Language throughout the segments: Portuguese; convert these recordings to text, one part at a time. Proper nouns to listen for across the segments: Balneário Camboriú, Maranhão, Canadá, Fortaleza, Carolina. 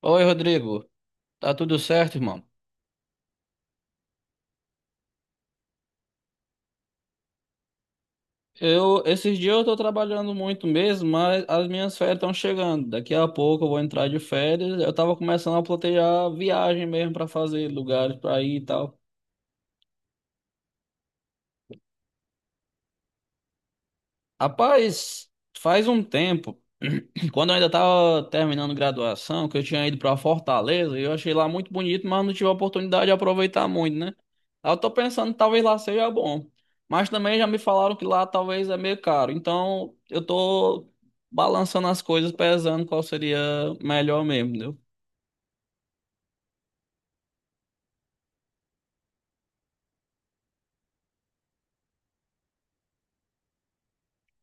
Oi, Rodrigo. Tá tudo certo, irmão? Eu, esses dias eu tô trabalhando muito mesmo, mas as minhas férias estão chegando. Daqui a pouco eu vou entrar de férias. Eu tava começando a planejar viagem mesmo pra fazer, lugares pra ir e tal. Rapaz, faz um tempo, quando eu ainda estava terminando graduação, que eu tinha ido para Fortaleza, e eu achei lá muito bonito, mas não tive a oportunidade de aproveitar muito, né? Aí eu tô pensando, talvez lá seja bom. Mas também já me falaram que lá talvez é meio caro. Então, eu tô balançando as coisas, pesando qual seria melhor mesmo, entendeu?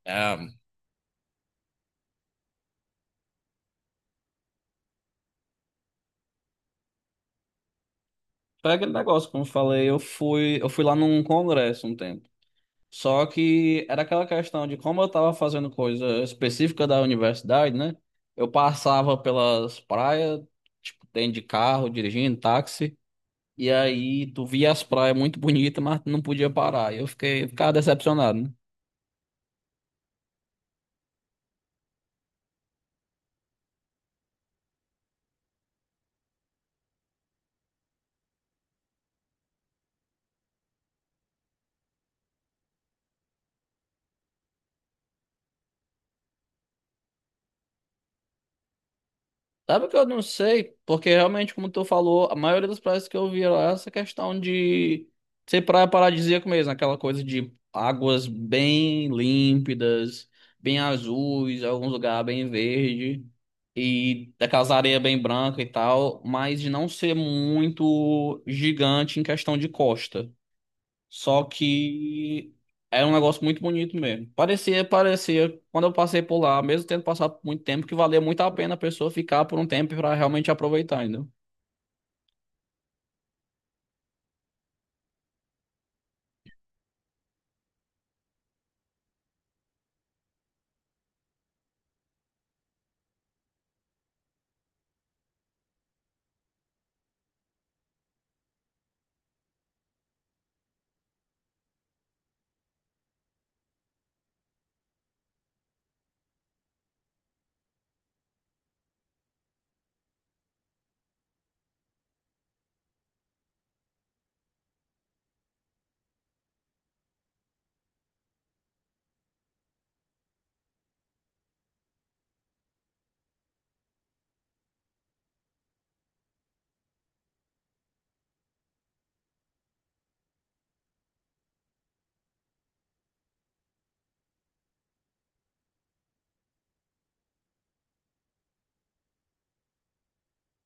Ah, foi aquele negócio, como eu falei, eu fui lá num congresso um tempo. Só que era aquela questão de como eu estava fazendo coisa específica da universidade, né? Eu passava pelas praias, tipo, dentro de carro, dirigindo táxi, e aí tu via as praias muito bonitas, mas não podia parar. E ficava decepcionado, né? Sabe que eu não sei, porque realmente, como tu falou, a maioria das praias que eu vi lá, é essa questão de ser praia paradisíaca mesmo, aquela coisa de águas bem límpidas, bem azuis, alguns lugares bem verde, e daquelas areias bem branca e tal, mas de não ser muito gigante em questão de costa. Só que era um negócio muito bonito mesmo. Parecia, quando eu passei por lá, mesmo tendo passado por muito tempo, que valia muito a pena a pessoa ficar por um tempo para realmente aproveitar, entendeu?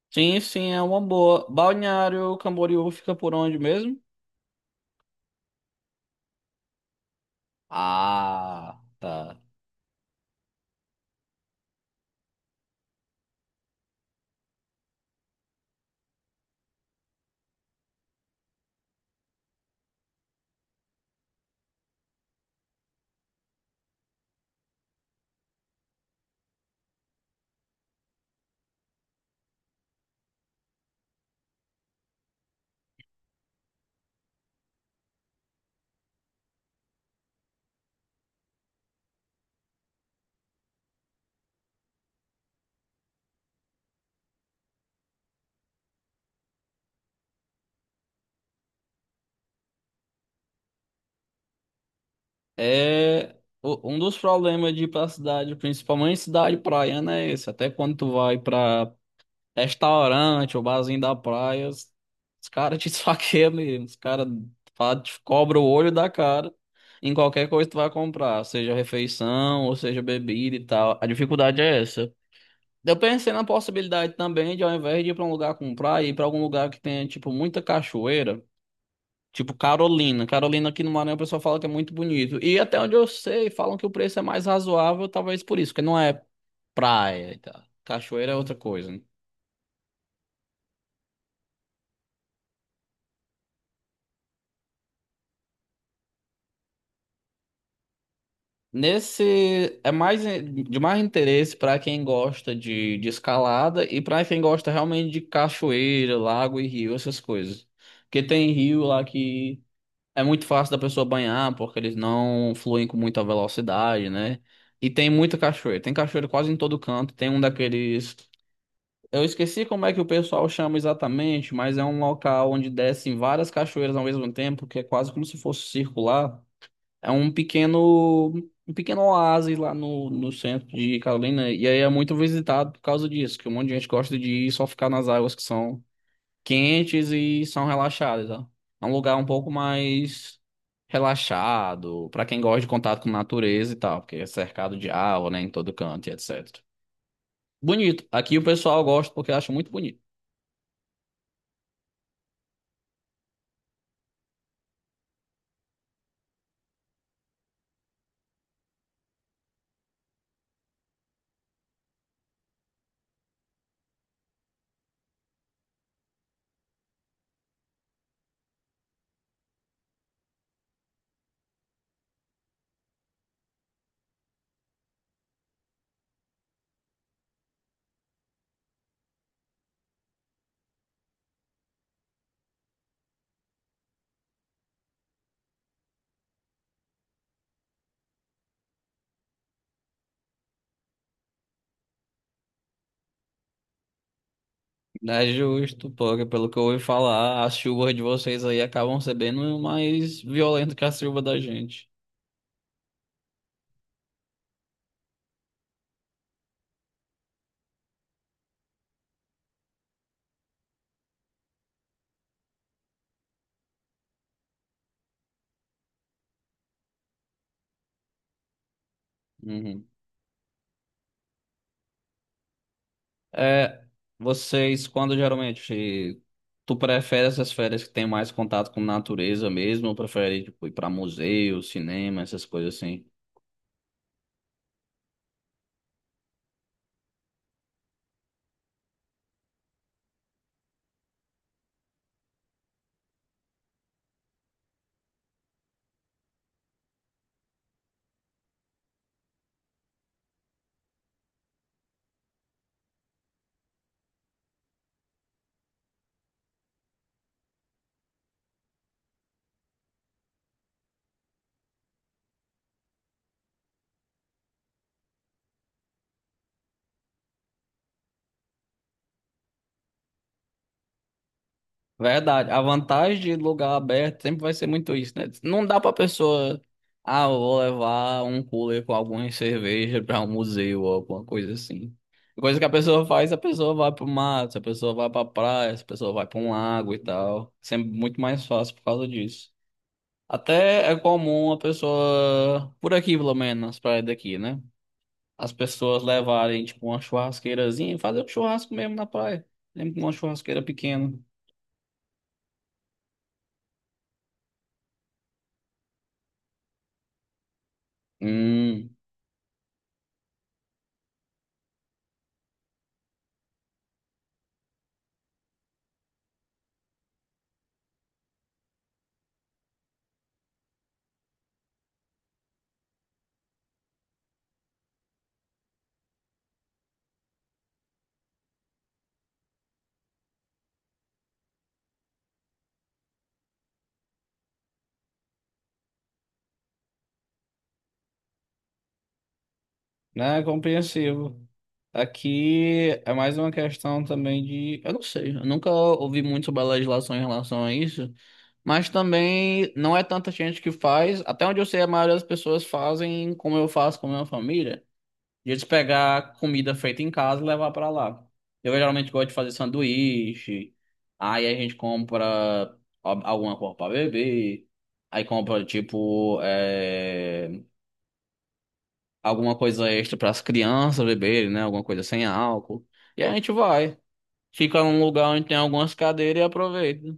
Sim, sim, é uma boa. Balneário Camboriú fica por onde mesmo? Ah, tá. É um dos problemas de ir pra cidade, principalmente cidade praiana, é esse. Até quando tu vai pra restaurante, o barzinho da praia. Os caras te esfaqueiam mesmo. Os caras te cobram o olho da cara em qualquer coisa que tu vai comprar, seja refeição ou seja bebida e tal. A dificuldade é essa. Eu pensei na possibilidade também de, ao invés de ir pra um lugar comprar, ir pra algum lugar que tenha, tipo, muita cachoeira. Tipo Carolina. Carolina aqui no Maranhão, o pessoal fala que é muito bonito. E até onde eu sei, falam que o preço é mais razoável, talvez por isso, porque não é praia e tal. Cachoeira é outra coisa, né? Nesse é mais de mais interesse para quem gosta de escalada e para quem gosta realmente de cachoeira, lago e rio, essas coisas. Porque tem rio lá que é muito fácil da pessoa banhar, porque eles não fluem com muita velocidade, né? E tem muita cachoeira. Tem cachoeira quase em todo canto. Tem um daqueles. Eu esqueci como é que o pessoal chama exatamente, mas é um local onde descem várias cachoeiras ao mesmo tempo, que é quase como se fosse circular. É um pequeno, um pequeno oásis lá no centro de Carolina. E aí é muito visitado por causa disso, que um monte de gente gosta de ir só ficar nas águas que são quentes e são relaxadas, ó. É um lugar um pouco mais relaxado, para quem gosta de contato com natureza e tal, porque é cercado de água, né, em todo canto e etc. Bonito. Aqui o pessoal gosta porque acha muito bonito. É justo, porque pelo que eu ouvi falar, as chuvas de vocês aí acabam sendo bem mais violentas que a chuva da gente. Uhum. É, vocês, quando geralmente, tu prefere essas férias que tem mais contato com natureza mesmo, ou prefere, tipo, ir pra museu, cinema, essas coisas assim? Verdade, a vantagem de lugar aberto sempre vai ser muito isso, né? Não dá pra pessoa, ah, eu vou levar um cooler com alguma cerveja pra um museu ou alguma coisa assim. Coisa que a pessoa faz, a pessoa vai pro mato, a pessoa vai pra praia, a pessoa vai pra um lago e tal. Sempre muito mais fácil por causa disso. Até é comum a pessoa, por aqui pelo menos, nas praias daqui, né? As pessoas levarem, tipo, uma churrasqueirazinha e fazer um churrasco mesmo na praia. Mesmo com uma churrasqueira pequena. Hum, né? Compreensivo. Aqui é mais uma questão também de. Eu não sei, eu nunca ouvi muito sobre a legislação em relação a isso, mas também não é tanta gente que faz. Até onde eu sei, a maioria das pessoas fazem como eu faço com a minha família. E eles pegar comida feita em casa e levar pra lá. Eu geralmente gosto de fazer sanduíche. Aí a gente compra alguma coisa pra beber. Aí compra, tipo, é, alguma coisa extra pras crianças beberem, né? Alguma coisa sem álcool. E a gente vai. Fica num lugar onde tem algumas cadeiras e aproveita.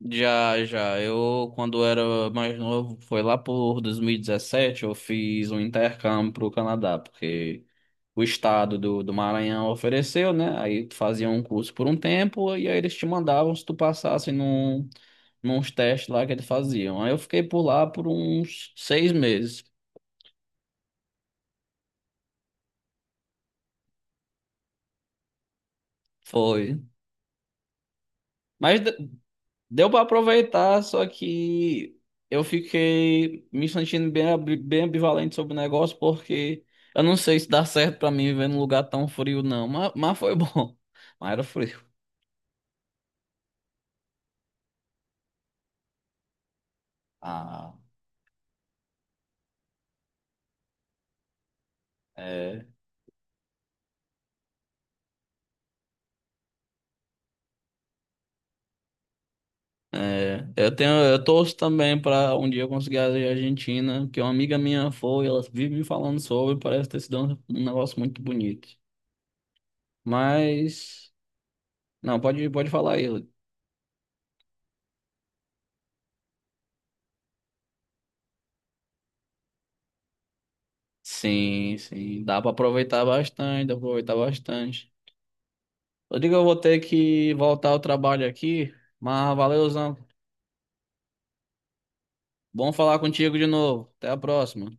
Já, já. Eu, quando era mais novo, foi lá por 2017, eu fiz um intercâmbio para Canadá, porque o estado do Maranhão ofereceu, né? Aí tu fazia um curso por um tempo, e aí eles te mandavam se tu passasse nos testes lá que eles faziam. Aí eu fiquei por lá por uns 6 meses. Foi. Mas de- Deu pra aproveitar, só que eu fiquei me sentindo bem, bem ambivalente sobre o negócio, porque eu não sei se dá certo pra mim viver num lugar tão frio, não. Mas foi bom. Mas era frio. Ah, é. É, eu tenho, eu torço também pra um dia eu conseguir a Argentina, porque uma amiga minha foi, ela vive me falando sobre, parece ter sido um, um negócio muito bonito. Mas, não, pode falar aí. Sim, sim, dá pra aproveitar bastante, dá pra aproveitar bastante. Eu digo, eu vou ter que voltar ao trabalho aqui, mas valeu, valeuzão. Bom falar contigo de novo. Até a próxima.